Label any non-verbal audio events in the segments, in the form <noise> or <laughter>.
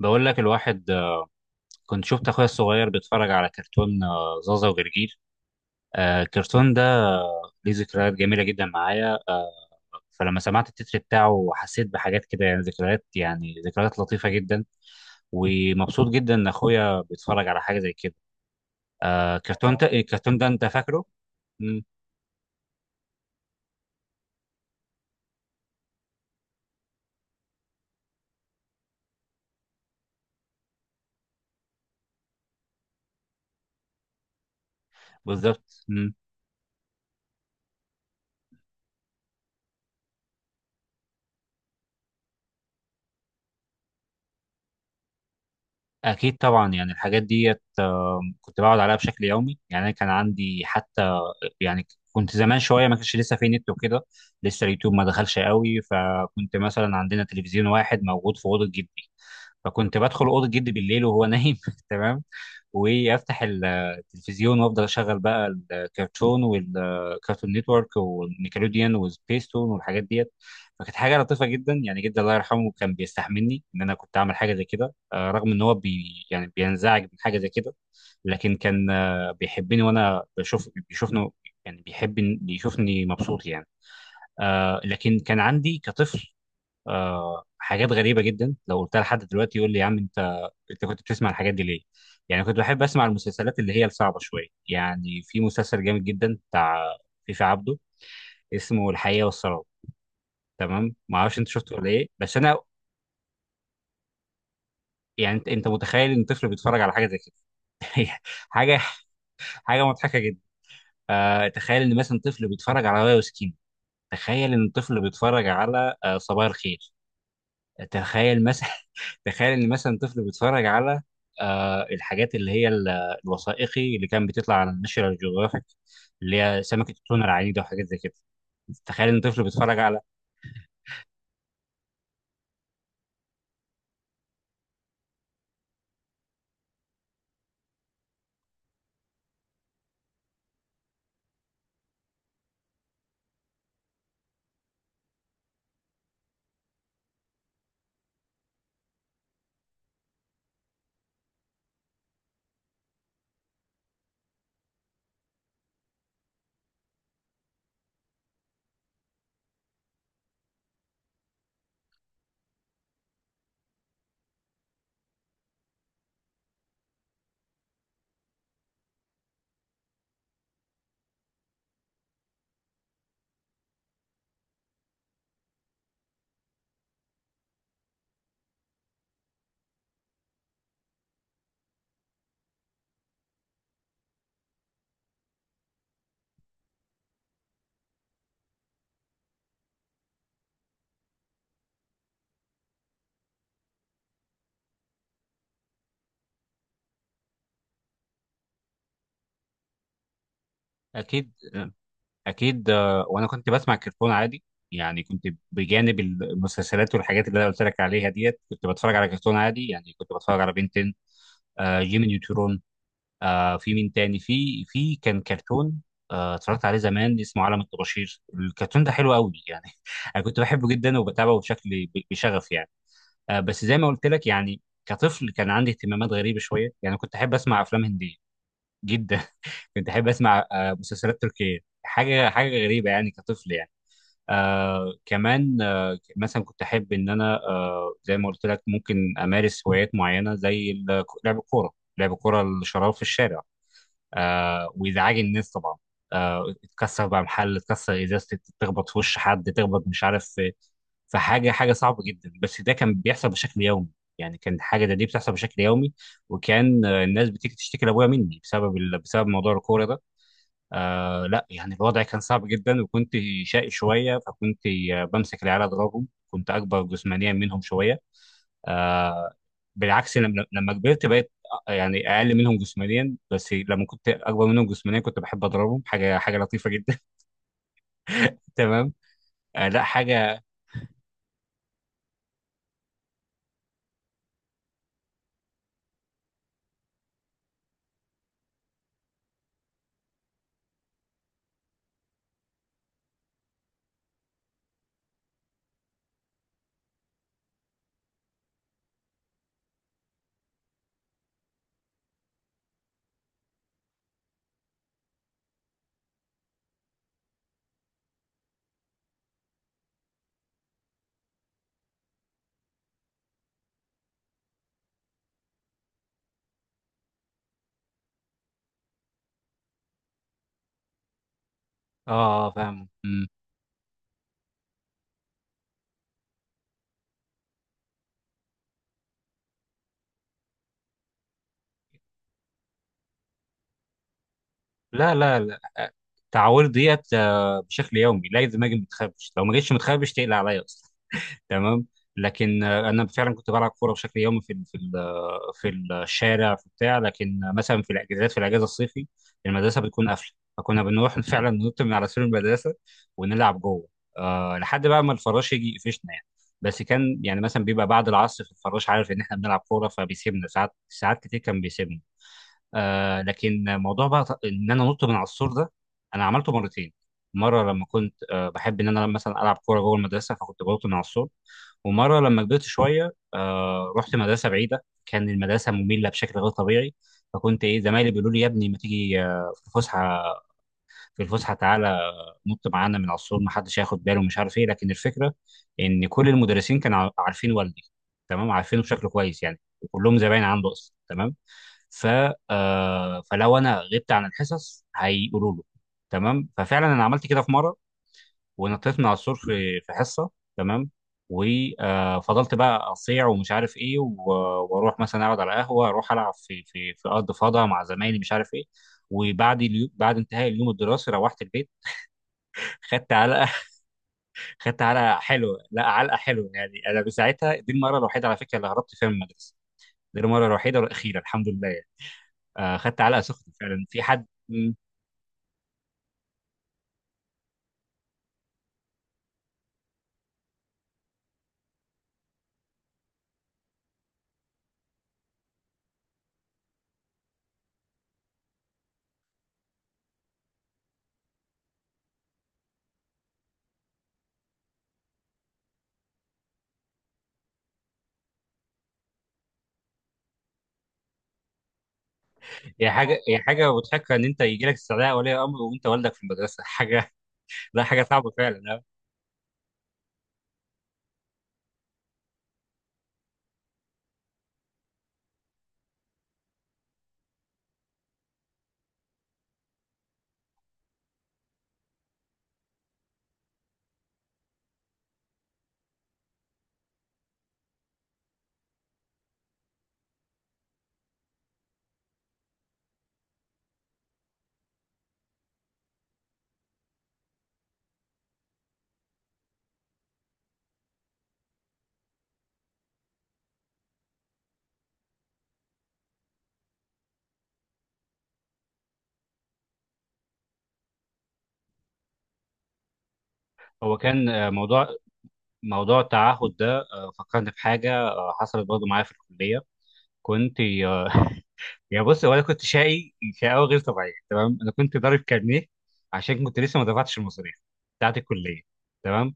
بقول لك الواحد كنت شفت اخويا الصغير بيتفرج على كرتون زازا وجرجير. الكرتون ده ليه ذكريات جميله جدا معايا فلما سمعت التتر بتاعه حسيت بحاجات كده يعني ذكريات لطيفه جدا، ومبسوط جدا ان اخويا بيتفرج على حاجه زي كده. الكرتون ده انت فاكره؟ مم، بالظبط. مم. اكيد طبعا، يعني الحاجات ديت كنت بقعد عليها بشكل يومي، يعني انا كان عندي حتى، يعني كنت زمان شويه ما كانش لسه في نت وكده، لسه اليوتيوب ما دخلش قوي، فكنت مثلا عندنا تلفزيون واحد موجود في اوضه جدي، فكنت بدخل اوضه جدي بالليل وهو نايم <laughs> تمام. وافتح التلفزيون وافضل اشغل بقى الكرتون والكرتون نتورك والنيكلوديان وسبيستون والحاجات ديت. فكانت حاجه لطيفه جدا يعني، جدا الله يرحمه كان بيستحملني ان انا كنت اعمل حاجه زي كده، رغم ان هو بي يعني بينزعج من حاجه زي كده، لكن كان بيحبني وانا بشوف بيشوفني، يعني بيحب، بيشوفني مبسوط يعني. لكن كان عندي كطفل حاجات غريبه جدا، لو قلتها لحد دلوقتي يقول لي يا عم انت كنت بتسمع الحاجات دي ليه؟ يعني كنت بحب اسمع المسلسلات اللي هي الصعبه شويه، يعني في مسلسل جامد جدا بتاع فيفي عبده اسمه الحقيقه والسراب. تمام؟ ما اعرفش انت شفته ولا ايه، بس انا يعني، انت متخيل ان طفل بيتفرج على حاجه زي كده؟ <laughs> حاجه، حاجه مضحكه جدا. تخيل ان مثلا طفل بيتفرج على واي وسكين، تخيل ان طفل بيتفرج على صباح الخير، تخيل مثلا، <laughs> تخيل ان مثلا طفل بيتفرج على الحاجات الوثائقي اللي كان بيطلع على الناشونال جيوغرافيك، اللي هي سمكة التونة العنيدة وحاجات زي كده. تخيل ان طفل بيتفرج على. اكيد، اكيد وانا كنت بسمع كرتون عادي، يعني كنت بجانب المسلسلات والحاجات اللي انا قلت لك عليها ديت، كنت بتفرج على كرتون عادي، يعني كنت بتفرج على بنتين، جيمي نيوترون، في مين تاني، في كان كرتون اتفرجت عليه زمان اسمه عالم الطباشير. الكرتون ده حلو قوي يعني، <laughs> انا كنت بحبه جدا وبتابعه بشكل بشغف يعني. بس زي ما قلت لك، يعني كطفل كان عندي اهتمامات غريبه شويه، يعني كنت احب اسمع افلام هنديه جدا، <laughs> كنت احب اسمع مسلسلات تركيه، حاجه، حاجه غريبه يعني كطفل يعني. كمان مثلا كنت احب ان انا زي ما قلت لك ممكن امارس هوايات معينه زي لعب الكوره، لعب الكوره الشراب في الشارع. ويزعج الناس طبعا، تكسر بقى محل، تكسر ازازه، تخبط في وش حد، تخبط مش عارف في، في حاجه، حاجه صعبه جدا، بس ده كان بيحصل بشكل يومي. يعني كان حاجه دي بتحصل بشكل يومي، وكان الناس بتيجي تشتكي لابويا مني بسبب بسبب موضوع الكوره ده. لا يعني الوضع كان صعب جدا، وكنت شقي شويه، فكنت بمسك العيال اضربهم، كنت اكبر جسمانيا منهم شويه. آه، بالعكس لما كبرت بقيت يعني اقل منهم جسمانيا، بس لما كنت اكبر منهم جسمانيا كنت بحب اضربهم، حاجه، حاجه لطيفه جدا. <laughs> تمام. آه، لا حاجه. اه، فاهم. مم. لا لا لا، التعاوير ديت بشكل يومي، لا، لازم اجي متخربش، لو ما جيتش متخربش تقلق عليا اصلا. تمام. لكن انا فعلا كنت بلعب كوره بشكل يومي في ال- في ال- آه، في الشارع في بتاع، لكن مثلا في الاجازات، في الاجازه الصيفي المدرسه بتكون قافله، فكنا بنروح <laughs> فعلا ننط من على سور المدرسه ونلعب جوه. أه لحد بقى ما الفراش يجي يقفشنا يعني، بس كان يعني مثلا بيبقى بعد العصر في الفراش عارف ان احنا بنلعب كوره، فبيسيبنا ساعات، ساعات كتير كان بيسيبنا. أه لكن موضوع بقى ان انا نط من على السور ده، انا عملته مرتين. مره لما كنت أه بحب ان انا مثلا العب كوره جوه المدرسه، فكنت بنط من على السور، ومره لما كبرت شويه رحت مدرسه بعيده، كان المدرسه ممله بشكل غير طبيعي، فكنت ايه زمايلي بيقولوا لي يا ابني ما تيجي في الفسحه، تعالى نط معانا من على السور، ما حدش هياخد باله ومش عارف ايه، لكن الفكره ان كل المدرسين كانوا عارفين والدي، تمام؟ عارفينه بشكل كويس يعني، وكلهم زباين عنده اصلا، تمام؟ ف فلو انا غبت عن الحصص هيقولوا له، تمام؟ ففعلا انا عملت كده في مره، ونطيت من على السور في حصه، تمام؟ وفضلت بقى اصيع ومش عارف ايه، واروح مثلا اقعد على قهوه، اروح العب في ارض فضاء مع زمايلي مش عارف ايه. وبعد بعد انتهاء اليوم الدراسي روحت البيت، خدت علقه. <laughs> خدت علقه حلوه، لا علقه حلوه، يعني انا بساعتها دي المره الوحيده على فكره اللي هربت فيها من المدرسه. دي المره الوحيده والاخيره الحمد لله يعني. آه، خدت علقه سخنه فعلا في حد. مم. هي حاجه، هي حاجه مضحكه ان انت يجي لك استدعاء ولي امر وانت والدك في المدرسه. <laughs> حاجه، لا حاجه صعبه فعلا. هو كان موضوع، موضوع التعهد ده فكرني بحاجه حصلت برضه معايا في الكليه. كنت يعني بص هو انا كنت شقي شقاوه غير طبيعيه، تمام؟ انا كنت ضارب كارنيه عشان كنت لسه ما دفعتش المصاريف بتاعت الكليه، تمام؟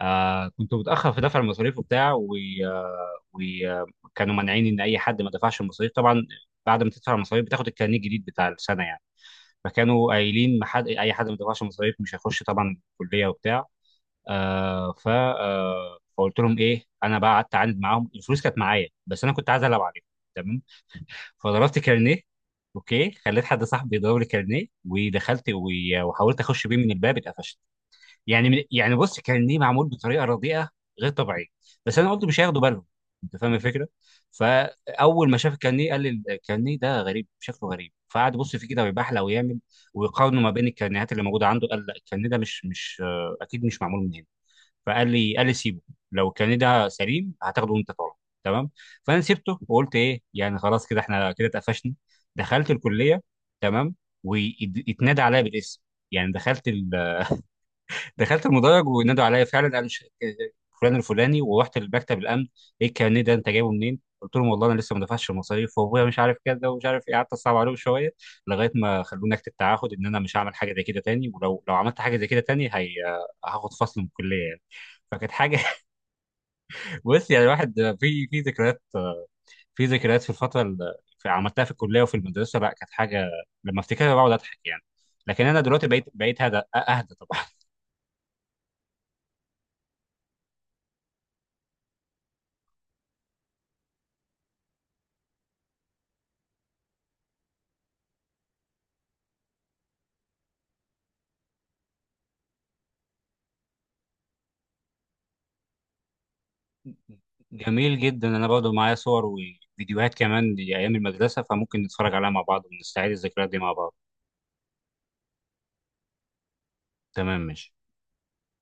كنت متاخر في دفع المصاريف وبتاع، وكانوا مانعين ان اي حد ما دفعش المصاريف طبعا، بعد ما تدفع المصاريف بتاخد الكارنيه الجديد بتاع السنه يعني، فكانوا قايلين ما حد، اي حد ما دفعش المصاريف مش هيخش طبعا الكليه وبتاع. آه ف آه فقلت لهم ايه، انا بقى قعدت اعاند معاهم، الفلوس كانت معايا بس انا كنت عايز العب عليهم، تمام؟ فضربت كارنيه، اوكي، خليت حد صاحبي يضرب لي كارنيه، ودخلت وحاولت اخش بيه من الباب، اتقفشت. يعني من، يعني بص كارنيه معمول بطريقه رديئه، غير طبيعيه، بس انا قلت مش هياخدوا بالهم، انت فاهم الفكره؟ فاول ما شاف الكارنيه قال لي الكارنيه ده غريب، شكله غريب، فقعد يبص فيه كده ويبحلق ويعمل، ويقارنه ما بين الكارنيهات اللي موجوده عنده، قال لا الكارنيه ده مش اكيد مش معمول من هنا، فقال لي، قال لي سيبه، لو كان ده سليم هتاخده وانت طالع، تمام؟ فانا سبته وقلت ايه يعني خلاص كده، احنا كده اتقفشنا. دخلت الكليه، تمام؟ واتنادى عليا بالاسم، يعني دخلت دخلت المدرج، ونادوا عليا فعلا، قالوا فلان الفلاني، ورحت لمكتب الامن. ايه الكارنيه ده انت جايبه منين؟ قلت لهم والله انا لسه ما دفعتش المصاريف وابويا مش عارف كده ومش عارف ايه، قعدت اصعب عليهم شويه، لغايه ما خلوني اكتب تعهد ان انا مش هعمل حاجه زي كده تاني، ولو عملت حاجه زي كده تاني هاخد فصل من الكليه يعني. فكانت حاجه، بص يعني الواحد في، في ذكريات، في ذكريات في الفتره اللي عملتها في الكليه وفي المدرسه، لا كانت حاجه لما افتكرها بقعد اضحك يعني. لكن انا دلوقتي بقيت اهدى طبعا. <laughs> جميل جدا، انا برضو معايا صور وفيديوهات كمان لايام المدرسه، فممكن نتفرج عليها مع بعض ونستعيد الذكريات دي مع بعض. تمام، ماشي.